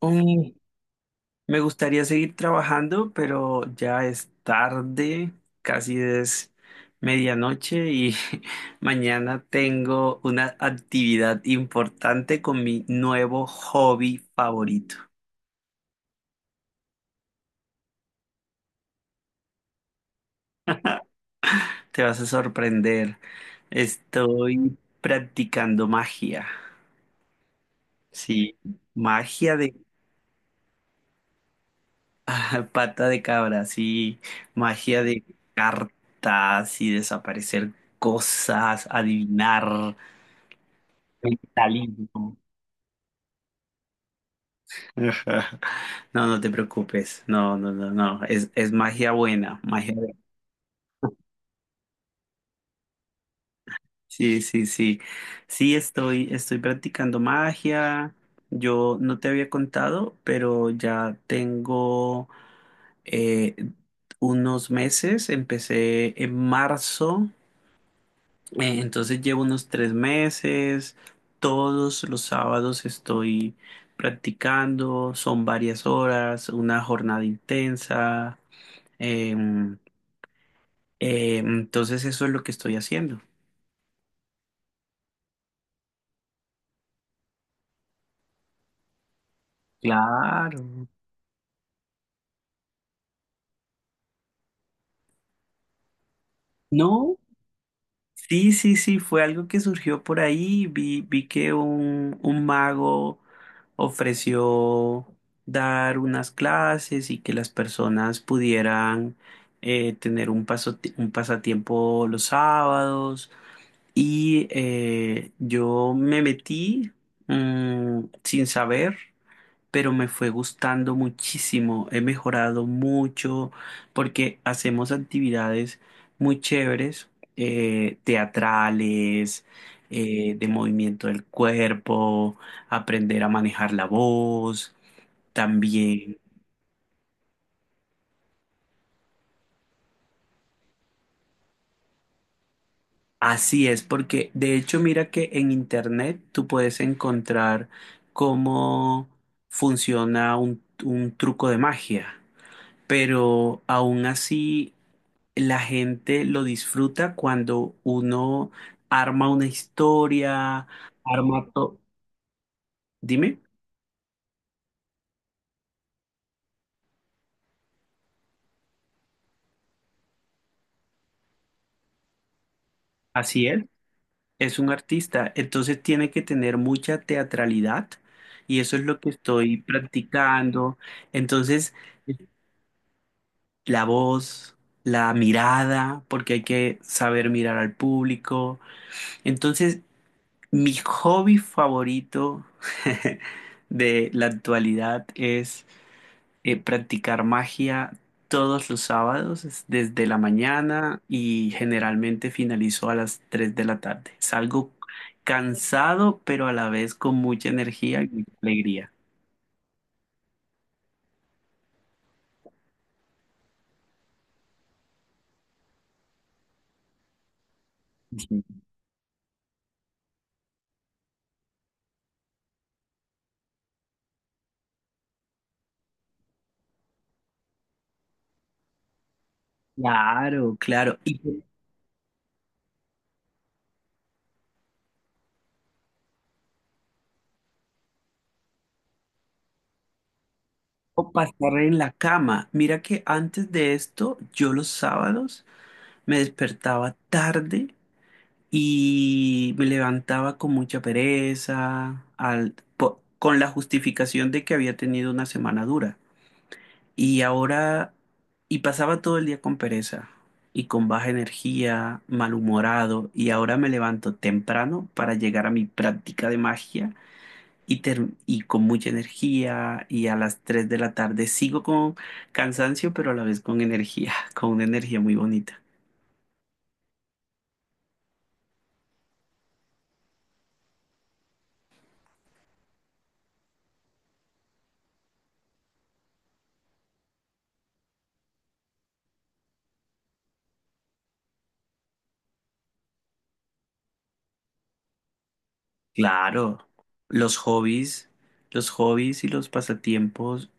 Uy, me gustaría seguir trabajando, pero ya es tarde, casi es medianoche y mañana tengo una actividad importante con mi nuevo hobby favorito. Te vas a sorprender. Estoy practicando magia. Sí, magia de pata de cabra, sí, magia de cartas y desaparecer cosas, adivinar. Mentalismo. Ajá. No, no te preocupes. No, no, no, no. Es magia buena, magia buena. Sí, sí, sí. Sí, estoy practicando magia. Yo no te había contado, pero ya tengo eh, unos meses. Empecé en marzo, entonces llevo unos 3 meses. Todos los sábados estoy practicando. Son varias horas, una jornada intensa. Eh, entonces eso es lo que estoy haciendo. Claro. No, sí, sí, sí, fue algo que surgió por ahí. Vi que un mago ofreció dar unas clases y que las personas pudieran tener un pasatiempo los sábados. Y yo me metí sin saber, pero me fue gustando muchísimo, he mejorado mucho porque hacemos actividades muy chéveres, teatrales, de movimiento del cuerpo, aprender a manejar la voz, también. Así es, porque de hecho mira que en internet tú puedes encontrar cómo funciona un truco de magia, pero aún así la gente lo disfruta cuando uno arma una historia, arma todo. Dime, así él es un artista, entonces tiene que tener mucha teatralidad y eso es lo que estoy practicando. Entonces, la voz, la mirada, porque hay que saber mirar al público. Entonces, mi hobby favorito de la actualidad es practicar magia todos los sábados, es desde la mañana y generalmente finalizo a las 3 de la tarde. Salgo cansado, pero a la vez con mucha energía y mucha alegría. Sí. Claro, claro. Y puedo pasar en la cama. Mira que antes de esto, yo los sábados me despertaba tarde y me levantaba con mucha pereza, con la justificación de que había tenido una semana dura. Y ahora, y pasaba todo el día con pereza y con baja energía, malhumorado, y ahora me levanto temprano para llegar a mi práctica de magia y, y con mucha energía, y a las 3 de la tarde sigo con cansancio, pero a la vez con energía, con una energía muy bonita. Claro, los hobbies, los hobbies y los pasatiempos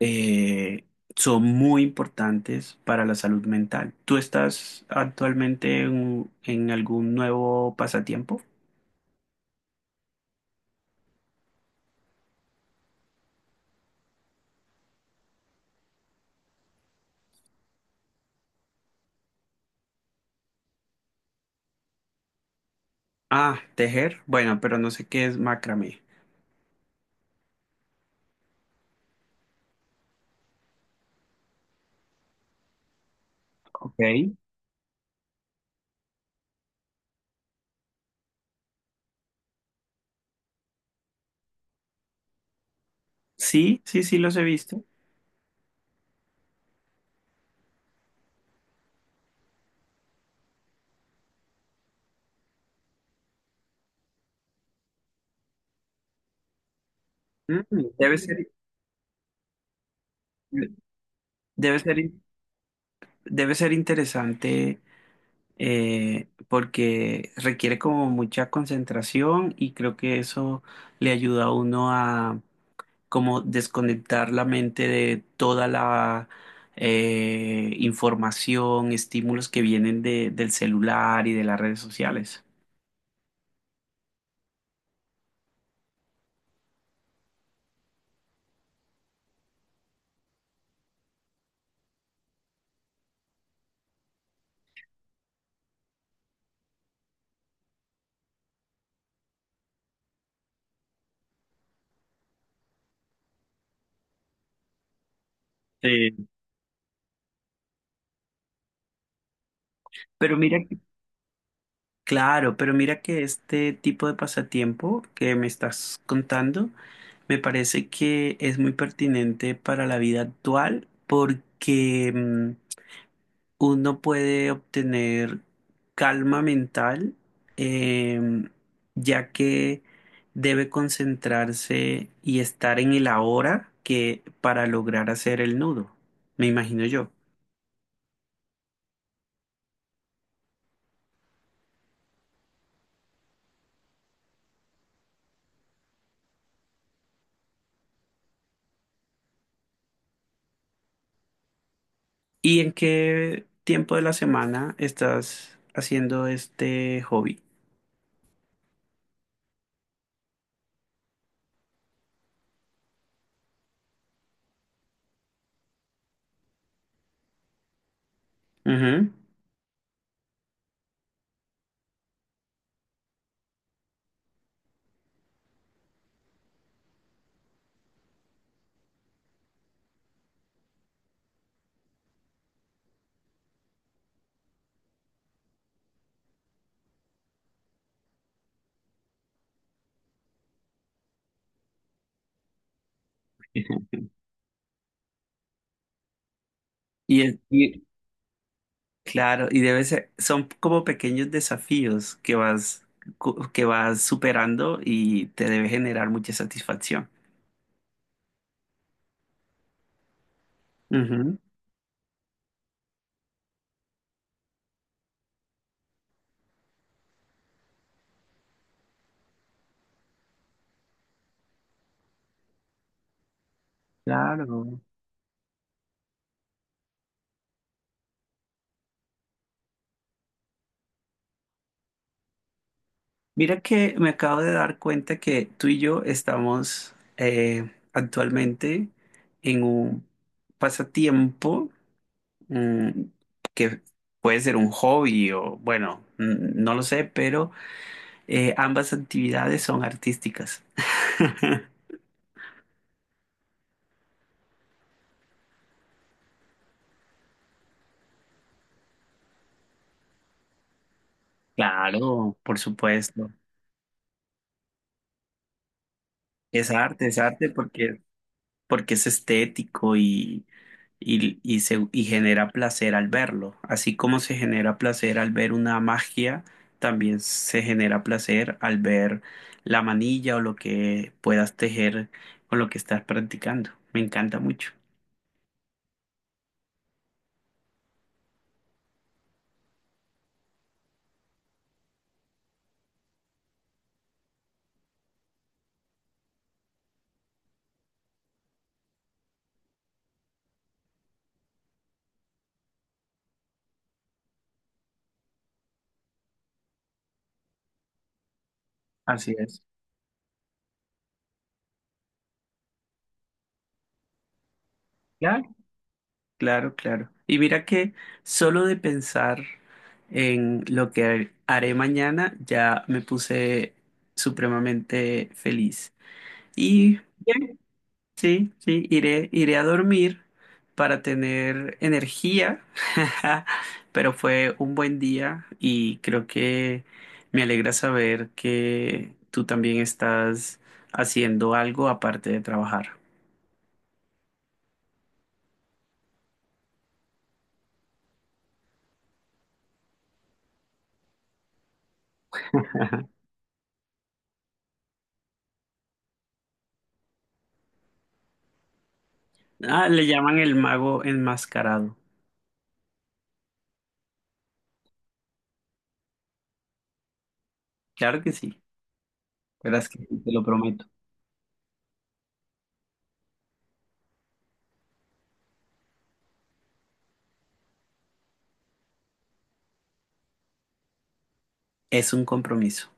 eh, son muy importantes para la salud mental. ¿Tú estás actualmente en algún nuevo pasatiempo? Ah, tejer. Bueno, pero no sé qué es macramé. Ok. Sí, sí, sí los he visto. Mm, debe ser, debe ser, debe ser interesante, porque requiere como mucha concentración y creo que eso le ayuda a uno a como desconectar la mente de toda la información, estímulos que vienen del celular y de las redes sociales. Sí, pero mira, claro, pero mira que este tipo de pasatiempo que me estás contando me parece que es muy pertinente para la vida actual porque uno puede obtener calma mental, em, ya que debe concentrarse y estar en el ahora que para lograr hacer el nudo, me imagino yo. ¿Y en qué tiempo de la semana estás haciendo este hobby? Ujú. Y, claro, y debe ser, son como pequeños desafíos que vas, que vas superando y te debe generar mucha satisfacción. Ujú, claro. Mira que me acabo de dar cuenta que tú y yo estamos actualmente en un pasatiempo mm, que puede ser un hobby o bueno, mm, no lo sé, pero ambas actividades son artísticas. Claro, por supuesto. Es arte porque, porque es estético y genera placer al verlo. Así como se genera placer al ver una magia, también se genera placer al ver la manilla o lo que puedas tejer con lo que estás practicando. Me encanta mucho. Así es. Claro, claro, claro. Y mira que solo de pensar en lo que haré mañana ya me puse supremamente feliz. Y bien, sí, sí, iré a dormir para tener energía, pero fue un buen día y creo que me alegra saber que tú también estás haciendo algo aparte de trabajar. Ah, le llaman el mago enmascarado. Claro que sí, verás que sí, te lo prometo. Es un compromiso.